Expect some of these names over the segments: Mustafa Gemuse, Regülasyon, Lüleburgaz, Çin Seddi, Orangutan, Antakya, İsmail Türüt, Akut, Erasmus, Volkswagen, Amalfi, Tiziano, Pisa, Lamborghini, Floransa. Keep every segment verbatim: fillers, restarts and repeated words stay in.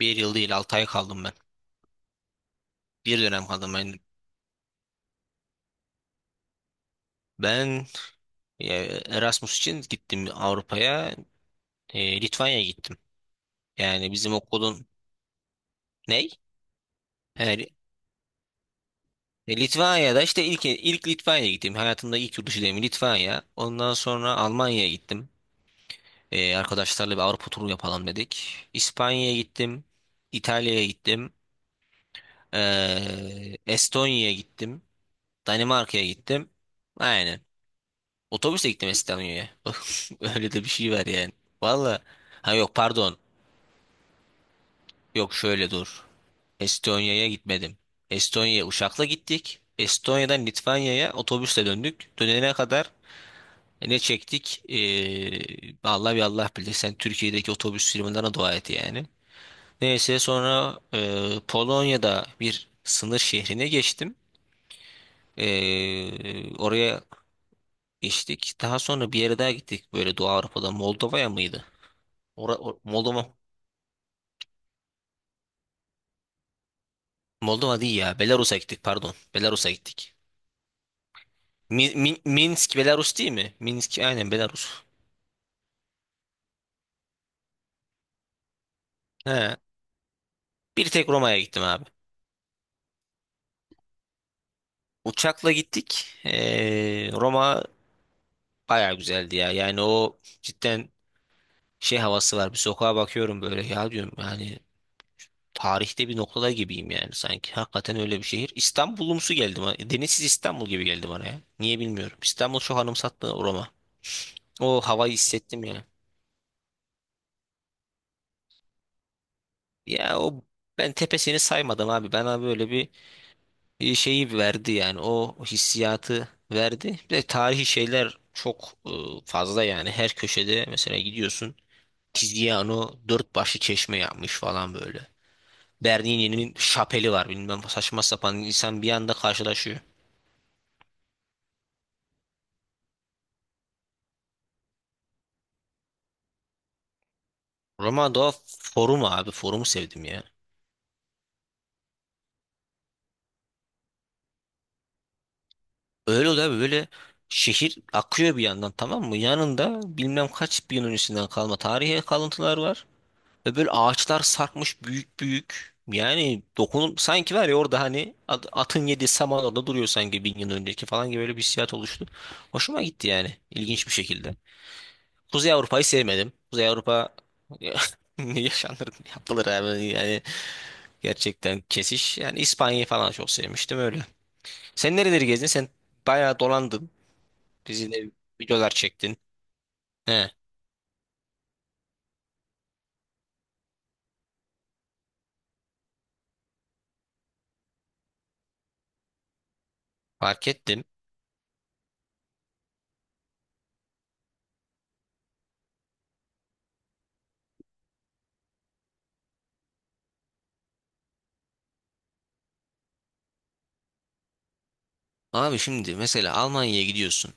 Bir yıl değil altı ay kaldım ben. Bir dönem kaldım ben. Ben e, Erasmus için gittim Avrupa'ya. E, Litvanya'ya gittim. Yani bizim okulun ney? Yani, Litvanya'da işte ilk ilk Litvanya'ya gittim. Hayatımda ilk yurt dışı deneyimi Litvanya. Ondan sonra Almanya'ya gittim. E, arkadaşlarla bir Avrupa turu yapalım dedik. İspanya'ya gittim. İtalya'ya gittim. E, Estonya'ya gittim. Danimarka'ya gittim. Aynen. Otobüsle gittim İstanbul'a. Öyle de bir şey var yani. Valla. Ha, yok, pardon. Yok, şöyle dur. Estonya'ya gitmedim. Estonya'ya uçakla gittik. Estonya'dan Litvanya'ya otobüsle döndük. Dönene kadar ne çektik? Ee, Allah bir Allah bilir. Sen Türkiye'deki otobüs firmalarına dua et yani. Neyse sonra e, Polonya'da bir sınır şehrine geçtim. Ee, oraya geçtik. Daha sonra bir yere daha gittik. Böyle Doğu Avrupa'da Moldova'ya mıydı? Ora, or- Moldova. Moldova değil ya. Belarus'a gittik, pardon. Belarus'a gittik. Mi- Min- Minsk Belarus değil mi? Minsk aynen Belarus. He. Bir tek Roma'ya gittim abi. Uçakla gittik. Ee, Roma bayağı güzeldi ya. Yani o cidden şey havası var. Bir sokağa bakıyorum böyle ya, diyorum yani tarihte bir noktada gibiyim yani sanki. Hakikaten öyle bir şehir. İstanbul'umsu geldi bana. Denizsiz İstanbul gibi geldi bana ya. Niye bilmiyorum. İstanbul çok anımsattı Roma. O havayı hissettim ya. Ya o, ben tepesini saymadım abi. Bana böyle bir bir şeyi verdi yani. O hissiyatı verdi. Bir de tarihi şeyler çok e, fazla yani. Her köşede mesela gidiyorsun. Tiziano dört başlı çeşme yapmış falan böyle. Bernini'nin şapeli var, bilmem, saçma sapan insan bir anda karşılaşıyor. Roma Doğa Forum abi, forumu sevdim ya. Öyle de böyle şehir akıyor bir yandan, tamam mı? Yanında bilmem kaç bin öncesinden kalma tarihi kalıntılar var. Ve böyle ağaçlar sarkmış büyük büyük. Yani dokunun sanki var ya orada, hani at- atın yediği samanada duruyor sanki bin yıl önceki falan gibi, böyle bir hissiyat oluştu. Hoşuma gitti yani, ilginç bir şekilde. Kuzey Avrupa'yı sevmedim. Kuzey Avrupa ne yaşanır yapılır abi yani, gerçekten kesiş. Yani İspanya'yı falan çok sevmiştim öyle. Sen nereleri gezdin? Sen bayağı dolandın. Dizide videolar çektin. He, fark ettim. Abi şimdi mesela Almanya'ya gidiyorsun.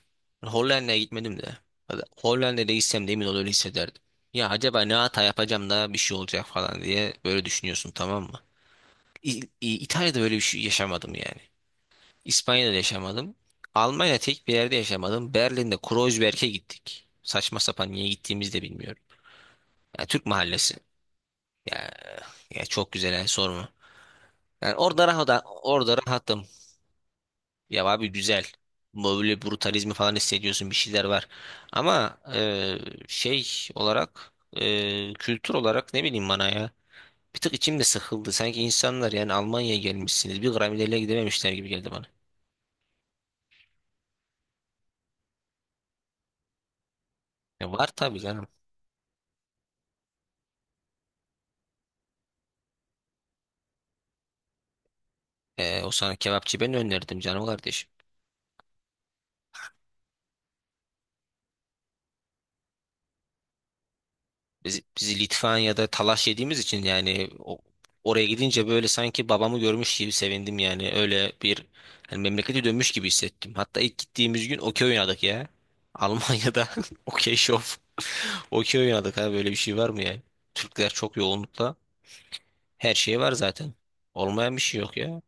Hollanda'ya gitmedim de. Hadi Hollanda'ya gitsem de emin ol öyle hissederdim. Ya acaba ne hata yapacağım da bir şey olacak falan diye böyle düşünüyorsun, tamam mı? İ- İ- İtalya'da böyle bir şey yaşamadım yani. İspanya'da da yaşamadım. Almanya'da tek bir yerde yaşamadım. Berlin'de Kreuzberg'e gittik. Saçma sapan niye gittiğimizi de bilmiyorum. Ya Türk mahallesi. Ya, ya çok güzel yani, sorma. Yani orada rahat, orada rahattım. Ya abi, güzel. Böyle brutalizmi falan hissediyorsun, bir şeyler var. Ama e, şey olarak, e, kültür olarak, ne bileyim, bana ya. Bir tık içim de sıkıldı. Sanki insanlar yani Almanya'ya gelmişsiniz. Bir gram ileriye gidememişler gibi geldi bana. Ya var tabii canım. E, o sana kebapçı ben önerdim canım kardeşim. Biz, biz Litvanya'da talaş yediğimiz için yani o- oraya gidince böyle sanki babamı görmüş gibi sevindim yani. Öyle bir, hani memlekete dönmüş gibi hissettim. Hatta ilk gittiğimiz gün okey oynadık ya. Almanya'da okey şov. Okey oynadık, ha böyle bir şey var mı ya? Türkler çok yoğunlukla. Her şey var zaten. Olmayan bir şey yok ya.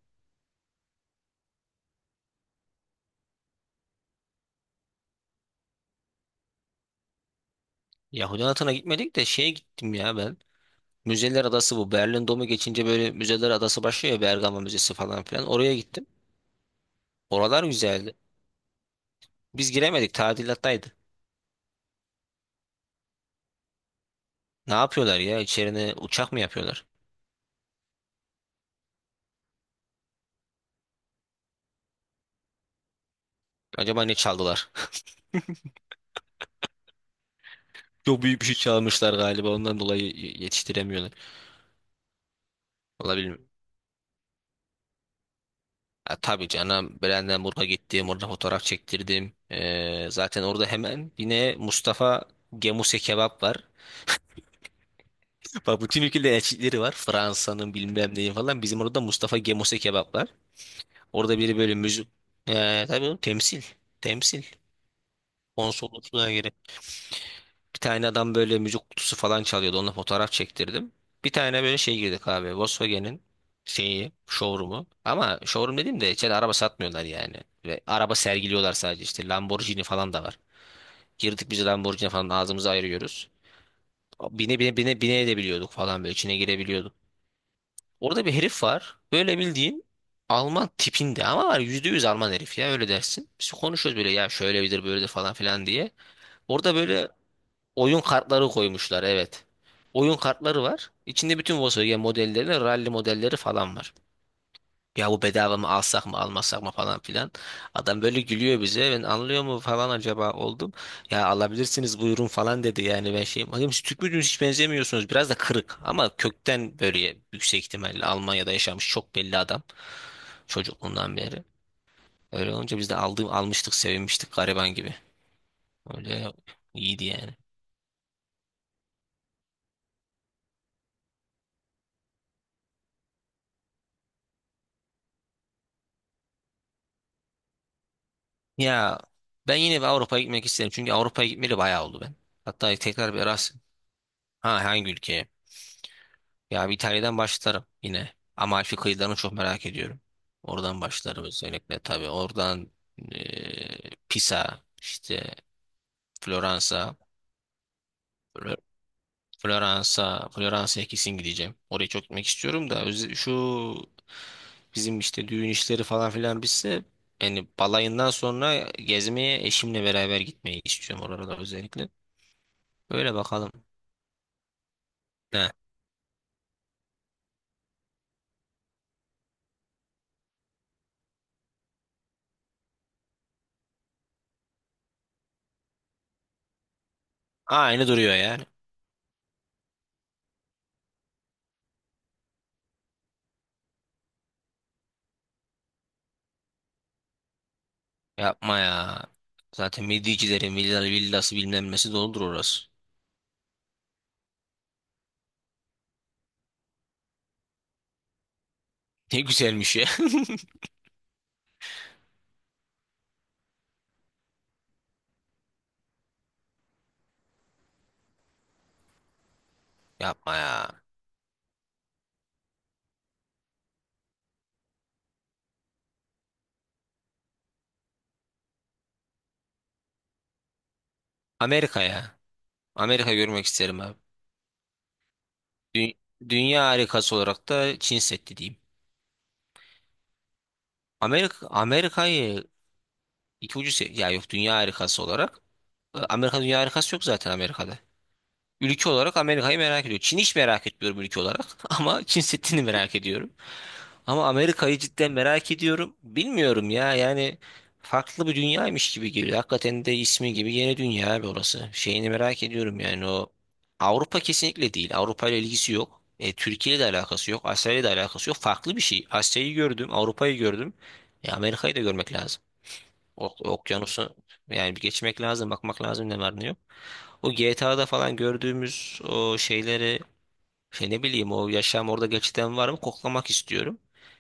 Yahudi Anıtı'na gitmedik de şeye gittim ya ben. Müzeler Adası bu. Berlin Dom'u geçince böyle Müzeler Adası başlıyor ya, Bergama Müzesi falan filan. Oraya gittim. Oralar güzeldi. Biz giremedik, tadilattaydı. Ne yapıyorlar ya? İçerine uçak mı yapıyorlar? Acaba ne çaldılar? Çok büyük bir şey çalmışlar galiba, ondan dolayı y- yetiştiremiyorlar. Olabilir. Ya, tabii canım, Brandenburg'a gittim, orada fotoğraf çektirdim. Ee, zaten orada hemen yine Mustafa Gemuse kebap var. Bak, bütün ülkede elçilikleri var. Fransa'nın bilmem neyi falan. Bizim orada Mustafa Gemuse kebap var. Orada biri böyle müzik. Ee, tabii oğlum, temsil. Temsil. Konsolosluğa bir tane adam böyle müzik kutusu falan çalıyordu. Onunla fotoğraf çektirdim. Bir tane böyle şey girdik abi. Volkswagen'in şeyi, showroom'u. Ama showroom dediğim de içeride araba satmıyorlar yani. Ve araba sergiliyorlar sadece işte. Lamborghini falan da var. Girdik biz, Lamborghini falan ağzımızı ayırıyoruz. Bine bine bine bine edebiliyorduk falan, böyle içine girebiliyorduk. Orada bir herif var. Böyle bildiğin Alman tipinde ama var, yüzde yüz Alman herif ya, öyle dersin. Biz konuşuyoruz böyle ya, şöyle şöyledir böyledir falan filan diye. Orada böyle oyun kartları koymuşlar, evet. Oyun kartları var. İçinde bütün Volkswagen modelleri, rally modelleri falan var. Ya bu bedava mı, alsak mı almasak mı falan filan. Adam böyle gülüyor bize. Ben anlıyor mu falan acaba oldum. Ya alabilirsiniz, buyurun falan dedi. Yani ben şeyim. Bakayım siz Türk müydünüz, hiç benzemiyorsunuz. Biraz da kırık ama kökten, böyle yüksek ihtimalle Almanya'da yaşamış çok belli adam. Çocukluğundan beri. Öyle olunca biz de aldım, almıştık, sevinmiştik gariban gibi. Öyle iyiydi yani. Ya ben yine bir Avrupa'ya gitmek isterim. Çünkü Avrupa'ya gitmeli bayağı oldu ben. Hatta tekrar bir Erasmus. Ha, hangi ülkeye? Ya bir İtalya'dan başlarım yine. Amalfi kıyılarını çok merak ediyorum. Oradan başlarım özellikle tabii. Oradan eee, Pisa, işte Floransa, Fl- Floransa, Floransa'ya kesin gideceğim. Oraya çok gitmek istiyorum da öz- şu bizim işte düğün işleri falan filan bitse, yani balayından sonra gezmeye eşimle beraber gitmeyi istiyorum oralara özellikle. Böyle bakalım. Ne? Aynı duruyor yani. Yapma ya. Zaten Midyecilerin villa, villası bilmem nesi doludur orası. Ne güzelmiş ya. Yapma ya. Amerika ya. Amerika görmek isterim abi. Dü- Dünya harikası olarak da Çin Seddi diyeyim. Amerika Amerika'yı iki ucu se- ya, yok, dünya harikası olarak, e, Amerika, dünya harikası yok zaten Amerika'da. Ülke olarak Amerika'yı merak ediyor. Çin hiç merak etmiyorum ülke olarak ama Çin Seddi'ni merak ediyorum. Ama Amerika'yı cidden merak ediyorum. Bilmiyorum ya yani, farklı bir dünyaymış gibi geliyor. Hakikaten de ismi gibi yeni dünya abi orası. Şeyini merak ediyorum yani, o Avrupa kesinlikle değil. Avrupa ile ilgisi yok. E, Türkiye ile de alakası yok. Asya ile de alakası yok. Farklı bir şey. Asya'yı gördüm, Avrupa'yı gördüm. E, Amerika'yı da görmek lazım. O, okyanusu yani bir geçmek lazım, bakmak lazım ne var ne yok. O G T A'da falan gördüğümüz o şeyleri, şey, ne bileyim, o yaşam orada gerçekten var mı, koklamak istiyorum.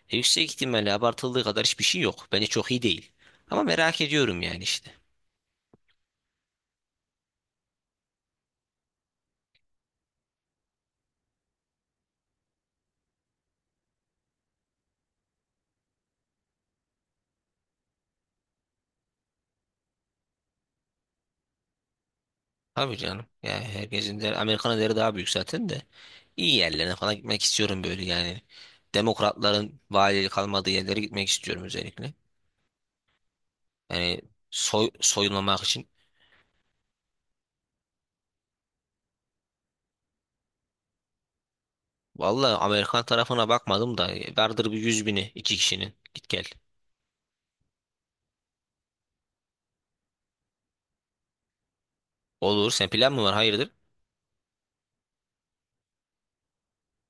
E, yüksek ihtimalle abartıldığı kadar hiçbir şey yok. Bence çok iyi değil. Ama merak ediyorum yani işte. Tabii canım. Yani herkesin de Amerikan'ın değeri daha büyük zaten de. İyi yerlerine falan gitmek istiyorum böyle yani. Demokratların valilik kalmadığı yerlere gitmek istiyorum özellikle. Yani soy, soyulmamak için. Vallahi Amerikan tarafına bakmadım da e, vardır bir yüz bini iki kişinin. Git gel. Olur. Sen plan mı var? Hayırdır?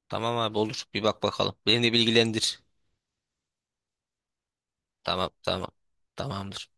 Tamam abi, olur. Bir bak bakalım. Beni de bilgilendir. Tamam tamam. Tamamdır.